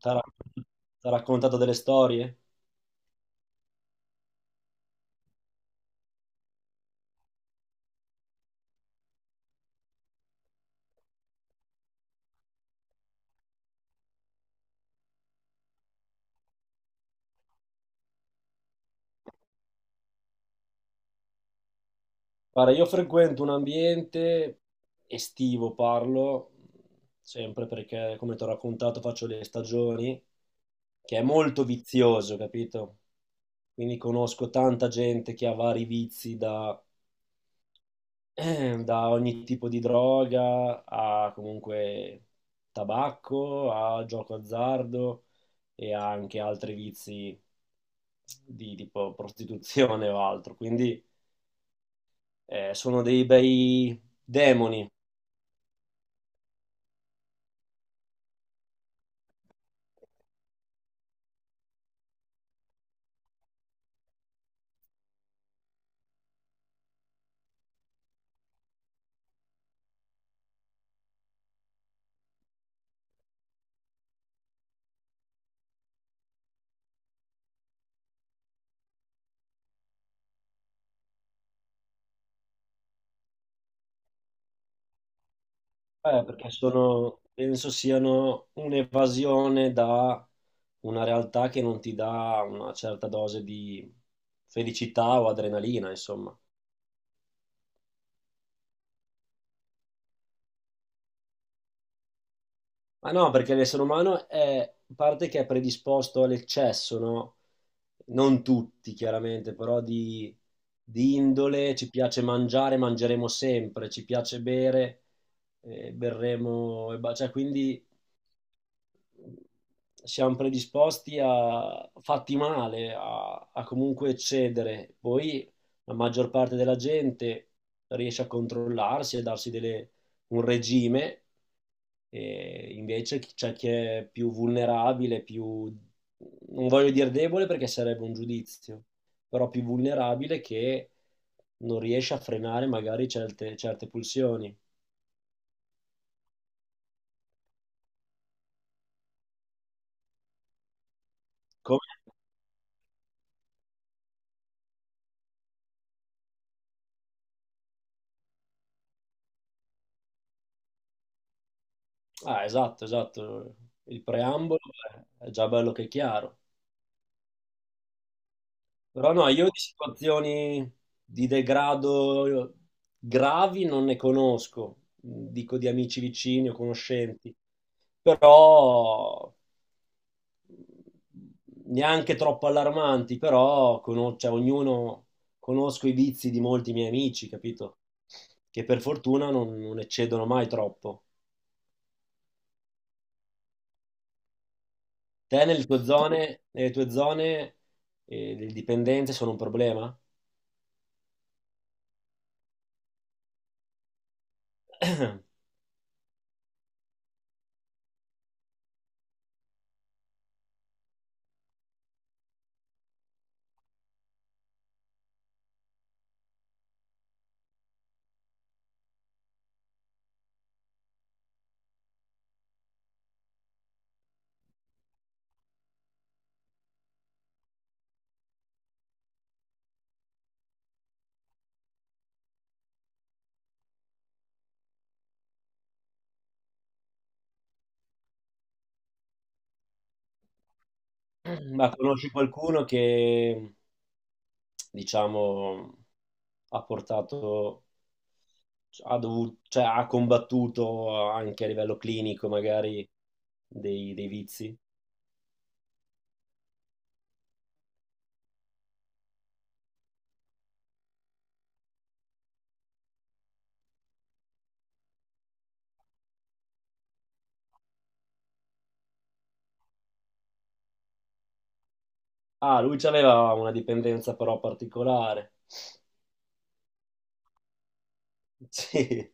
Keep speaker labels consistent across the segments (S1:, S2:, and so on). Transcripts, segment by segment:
S1: T'ha rac- T'ha raccontato delle storie? Guarda, io frequento un ambiente estivo, parlo, sempre perché, come ti ho raccontato, faccio le stagioni, che è molto vizioso, capito? Quindi conosco tanta gente che ha vari vizi da, da ogni tipo di droga a comunque tabacco, a gioco azzardo e anche altri vizi di tipo prostituzione o altro. Sono dei bei demoni, perché sono, penso siano un'evasione da una realtà che non ti dà una certa dose di felicità o adrenalina, insomma. Ma no, perché l'essere umano è parte che è predisposto all'eccesso, no? Non tutti, chiaramente, però di indole, ci piace mangiare, mangeremo sempre, ci piace bere, berremo, e cioè quindi siamo predisposti a fatti male, a comunque cedere. Poi la maggior parte della gente riesce a controllarsi e un regime, e invece c'è chi è più vulnerabile, più, non voglio dire debole perché sarebbe un giudizio, però più vulnerabile che non riesce a frenare magari certe pulsioni. Come. Ah, esatto, esatto. Il preambolo, beh, è già bello che è chiaro. Però no, io di situazioni di degrado gravi non ne conosco, dico di amici vicini o conoscenti, però mm, neanche troppo allarmanti, però cioè, ognuno conosco i vizi di molti miei amici, capito? Che per fortuna non eccedono mai troppo. Te nelle tue zone le dipendenze sono un problema? Ma conosci qualcuno che, diciamo, ha portato, ha dovuto, cioè, ha combattuto anche a livello clinico magari dei vizi? Ah, lui aveva una dipendenza però particolare. Sì,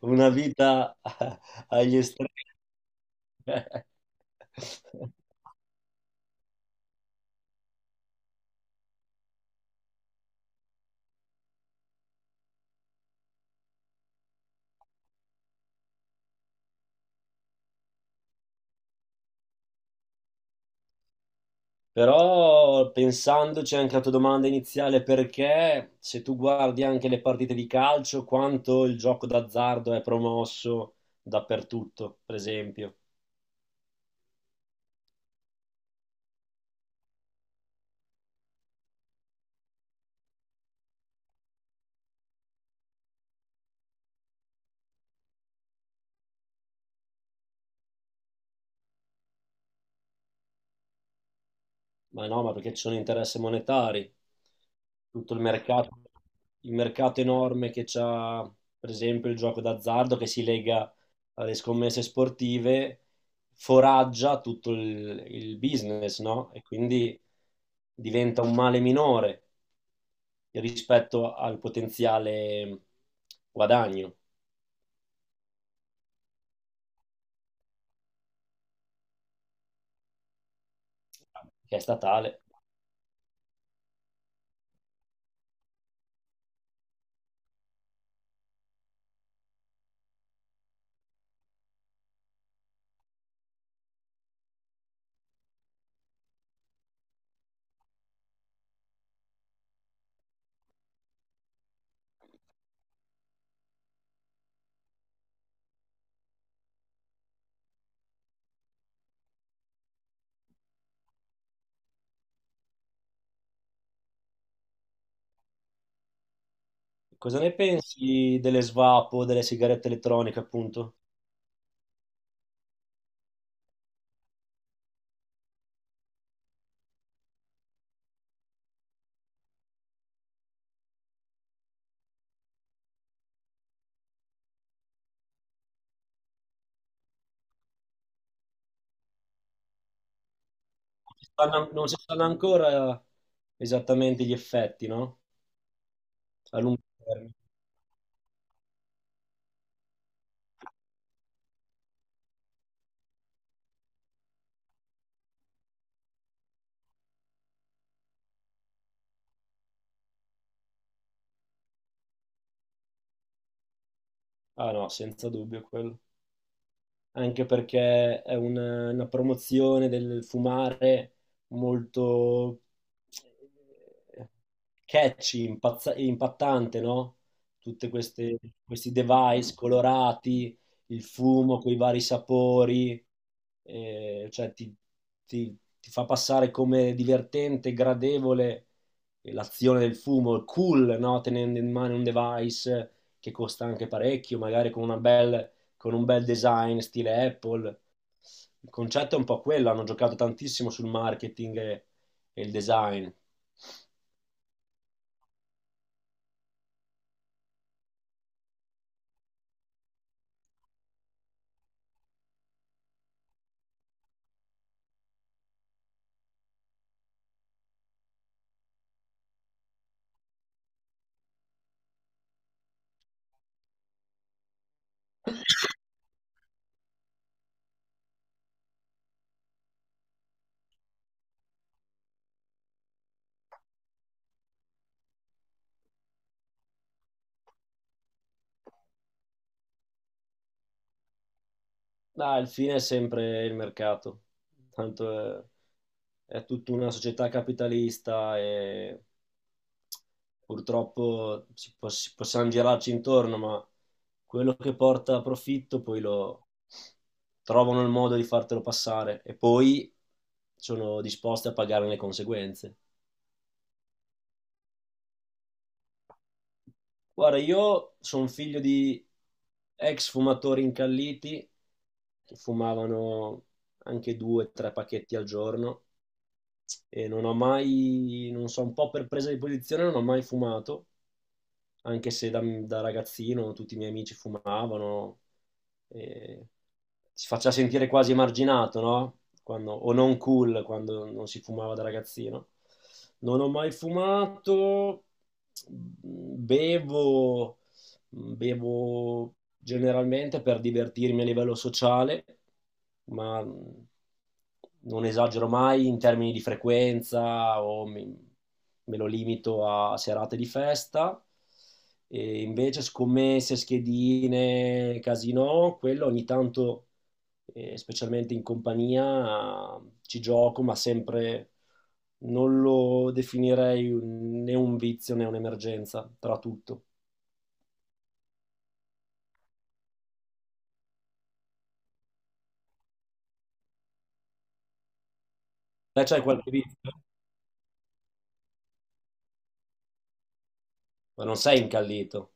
S1: una vita agli estremi. Però pensandoci anche alla tua domanda iniziale, perché se tu guardi anche le partite di calcio, quanto il gioco d'azzardo è promosso dappertutto, per esempio. Ma no, ma perché ci sono interessi monetari. Tutto il mercato enorme che c'ha, per esempio, il gioco d'azzardo che si lega alle scommesse sportive, foraggia il business, no? E quindi diventa un male minore rispetto al potenziale guadagno che è statale. Cosa ne pensi delle svapo, delle sigarette elettroniche, appunto? Non si sanno ancora esattamente gli effetti, no? A lungo termine. Ah no, senza dubbio quello. Anche perché è una promozione del fumare molto eh, catchy, impattante, no? Tutti questi device colorati, il fumo con i vari sapori, eh, cioè ti, ti fa passare come divertente, gradevole, l'azione del fumo, cool, no? Tenendo in mano un device che costa anche parecchio, magari con una bella con un bel design stile Apple. Il concetto è un po' quello, hanno giocato tantissimo sul marketing e il design. Ma il fine è sempre il mercato, tanto è tutta una società capitalista e purtroppo si possiamo girarci intorno, ma quello che porta a profitto poi lo trovano il modo di fartelo passare e poi sono disposti a pagare le conseguenze. Guarda, io sono figlio di ex fumatori incalliti, che fumavano anche 2 o 3 pacchetti al giorno e non ho mai, non so, un po' per presa di posizione non ho mai fumato, anche se da ragazzino tutti i miei amici fumavano, e si faccia sentire quasi emarginato, no? O non cool quando non si fumava da ragazzino. Non ho mai fumato, bevo. Bevo generalmente per divertirmi a livello sociale, ma non esagero mai in termini di frequenza o me lo limito a serate di festa. E invece scommesse, schedine, casino, quello ogni tanto, specialmente in compagnia, ci gioco, ma sempre non lo definirei né un vizio né un'emergenza, tra tutto. Te c'hai qualche vizio? Ma non sei incallito.